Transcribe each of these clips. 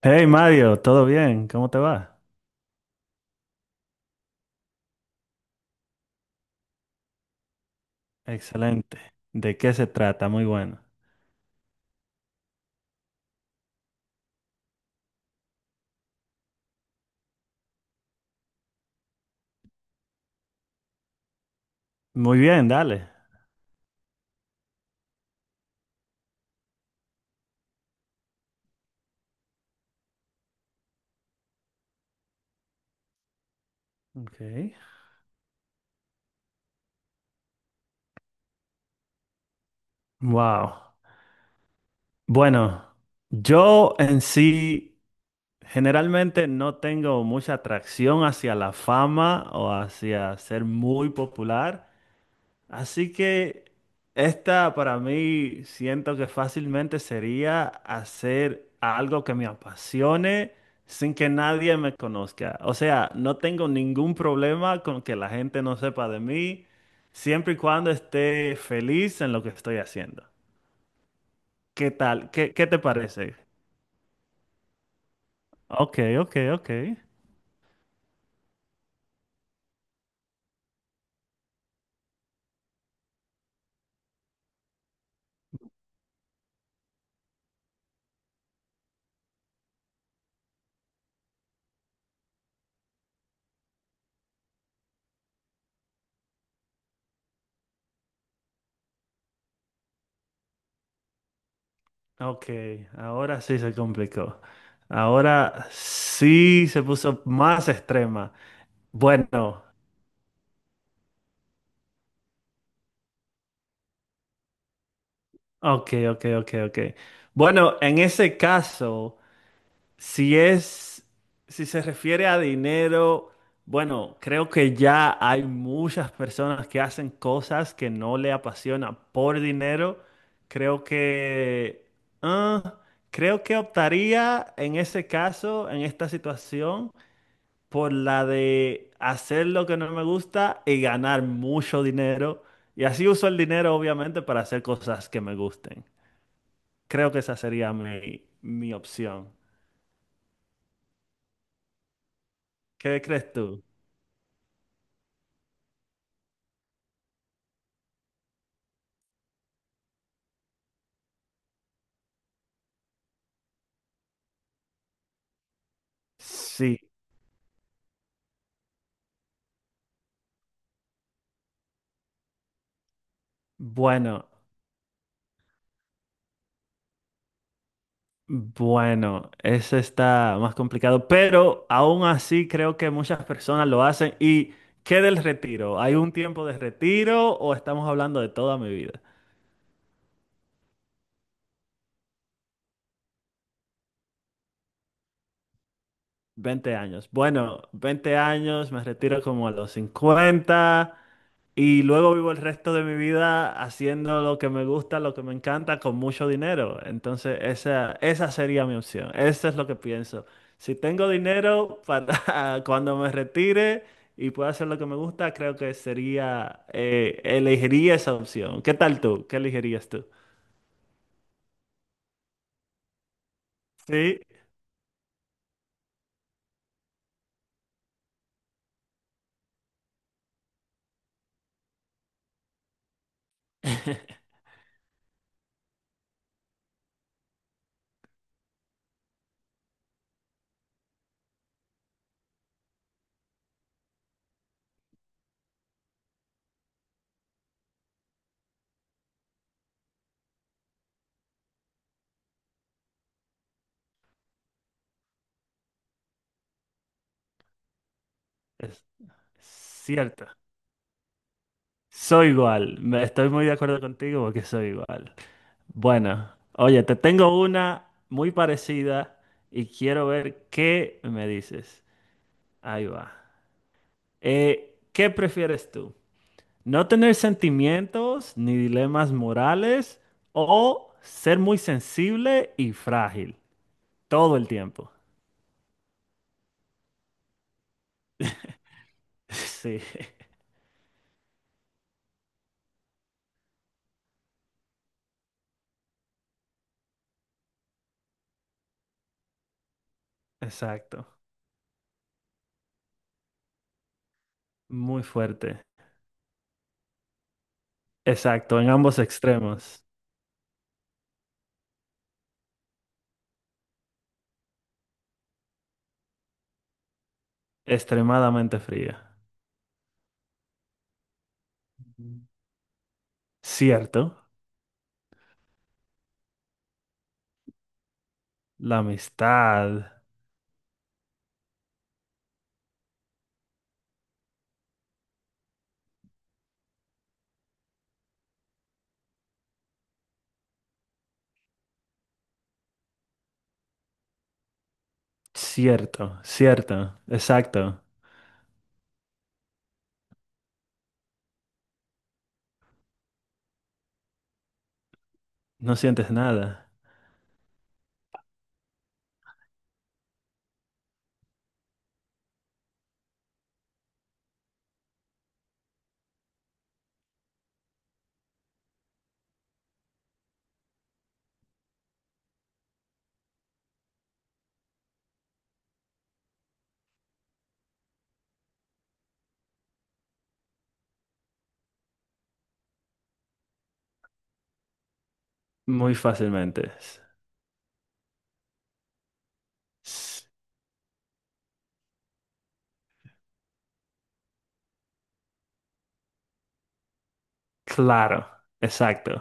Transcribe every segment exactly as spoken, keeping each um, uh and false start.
Hey Mario, ¿todo bien? ¿Cómo te va? Excelente. ¿De qué se trata? Muy bueno. Muy bien, dale. Okay. Wow. Bueno, yo en sí generalmente no tengo mucha atracción hacia la fama o hacia ser muy popular. Así que esta para mí siento que fácilmente sería hacer algo que me apasione sin que nadie me conozca. O sea, no tengo ningún problema con que la gente no sepa de mí, siempre y cuando esté feliz en lo que estoy haciendo. ¿Qué tal? ¿Qué, qué te parece? Ok, ok, ok. Ok, ahora sí se complicó. Ahora sí se puso más extrema. Bueno. Ok, ok, ok, ok. Bueno, en ese caso, si es, si se refiere a dinero, bueno, creo que ya hay muchas personas que hacen cosas que no le apasiona por dinero. Creo que, ah, Creo que optaría en ese caso, en esta situación, por la de hacer lo que no me gusta y ganar mucho dinero. Y así uso el dinero, obviamente, para hacer cosas que me gusten. Creo que esa sería mi, mi opción. ¿Qué crees tú? Sí, bueno, bueno, eso está más complicado, pero aún así creo que muchas personas lo hacen. ¿Y qué del retiro? ¿Hay un tiempo de retiro o estamos hablando de toda mi vida? Veinte años. Bueno, veinte años, me retiro como a los cincuenta. Y luego vivo el resto de mi vida haciendo lo que me gusta, lo que me encanta, con mucho dinero. Entonces, esa, esa sería mi opción. Eso es lo que pienso. Si tengo dinero para cuando me retire y pueda hacer lo que me gusta, creo que sería, eh, elegiría esa opción. ¿Qué tal tú? ¿Qué elegirías tú? Sí, es cierto. Soy igual. Me- Estoy muy de acuerdo contigo porque soy igual. Bueno, oye, te tengo una muy parecida y quiero ver qué me dices. Ahí va. Eh, ¿qué prefieres tú? ¿No tener sentimientos ni dilemas morales o ser muy sensible y frágil todo el tiempo? Sí, exacto. Muy fuerte. Exacto, en ambos extremos. Extremadamente fría. Cierto, la amistad. Cierto, cierto, exacto. No sientes nada muy fácilmente. S- Claro, exacto.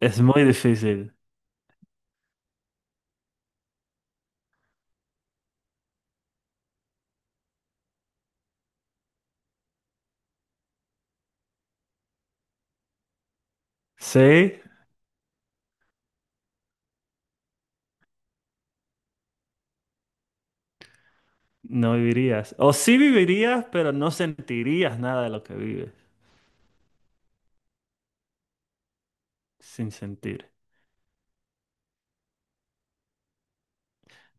Es muy difícil. Sí, no vivirías. O sí vivirías, pero no sentirías nada de lo que vives sin sentir.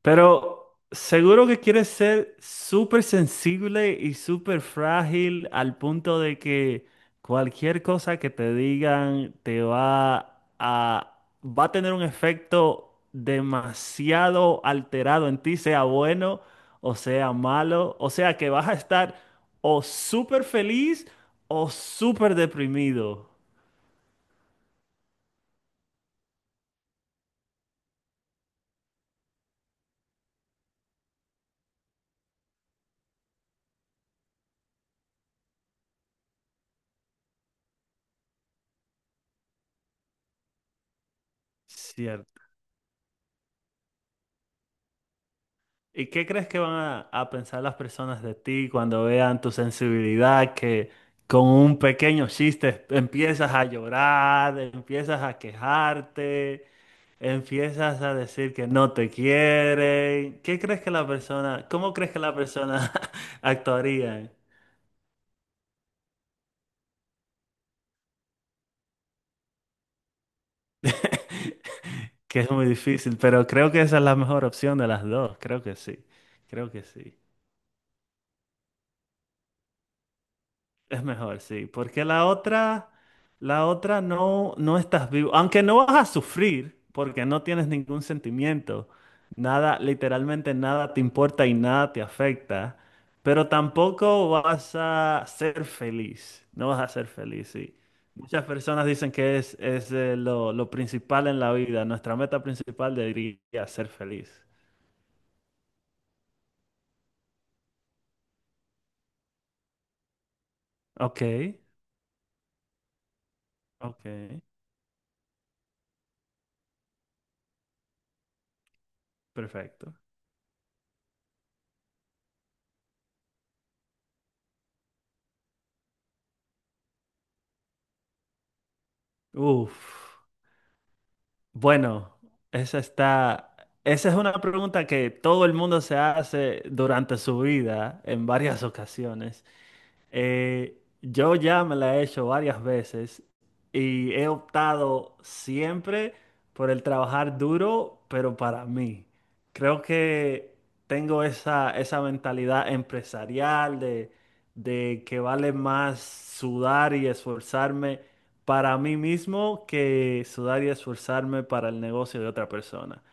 Pero seguro que quieres ser súper sensible y súper frágil al punto de que cualquier cosa que te digan te va a, va a tener un efecto demasiado alterado en ti, sea bueno o sea malo. O sea que vas a estar o súper feliz o súper deprimido. ¿Y qué crees que van a, a pensar las personas de ti cuando vean tu sensibilidad, que con un pequeño chiste empiezas a llorar, empiezas a quejarte, empiezas a decir que no te quieren? ¿Qué crees que la persona, cómo crees que la persona actuaría? Que es muy difícil, pero creo que esa es la mejor opción de las dos, creo que sí, creo que sí. Es mejor, sí, porque la otra, la otra no, no estás vivo, aunque no vas a sufrir, porque no tienes ningún sentimiento, nada, literalmente nada te importa y nada te afecta, pero tampoco vas a ser feliz, no vas a ser feliz, sí. Muchas personas dicen que es, es eh, lo, lo principal en la vida, nuestra meta principal debería ser feliz. Ok, ok, perfecto. Uf. Bueno, esa está, esa es una pregunta que todo el mundo se hace durante su vida en varias ocasiones. Eh, yo ya me la he hecho varias veces y he optado siempre por el trabajar duro, pero para mí. Creo que tengo esa, esa mentalidad empresarial de, de que vale más sudar y esforzarme para mí mismo que sudar y esforzarme para el negocio de otra persona.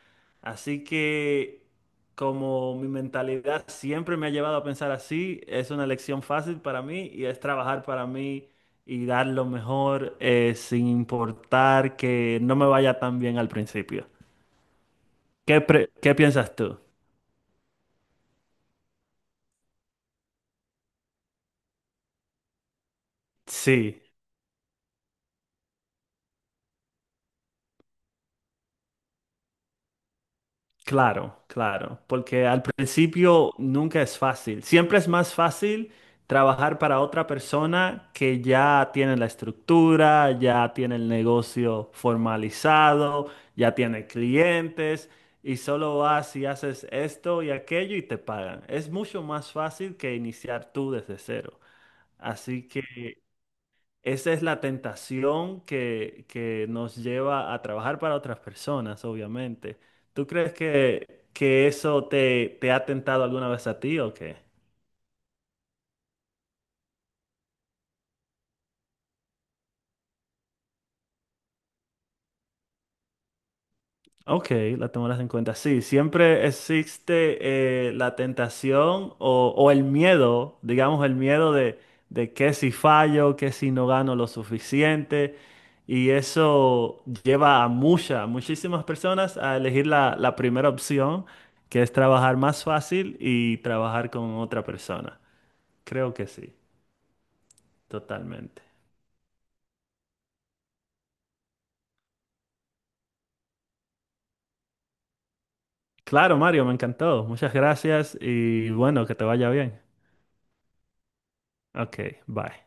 Así que como mi mentalidad siempre me ha llevado a pensar así, es una lección fácil para mí y es trabajar para mí y dar lo mejor eh, sin importar que no me vaya tan bien al principio. ¿Qué, pre- Qué piensas tú? Sí. Claro, claro, porque al principio nunca es fácil. Siempre es más fácil trabajar para otra persona que ya tiene la estructura, ya tiene el negocio formalizado, ya tiene clientes y solo vas y haces esto y aquello y te pagan. Es mucho más fácil que iniciar tú desde cero. Así que esa es la tentación que, que nos lleva a trabajar para otras personas, obviamente. ¿Tú crees que, que eso te, te ha tentado alguna vez a ti o qué? Ok, la tomarás en cuenta. Sí, siempre existe eh, la tentación o, o el miedo, digamos el miedo de, de que si fallo, que si no gano lo suficiente. Y eso lleva a muchas, muchísimas personas a elegir la, la primera opción, que es trabajar más fácil y trabajar con otra persona. Creo que sí, totalmente. Claro, Mario, me encantó. Muchas gracias y bueno, que te vaya bien. Ok, bye.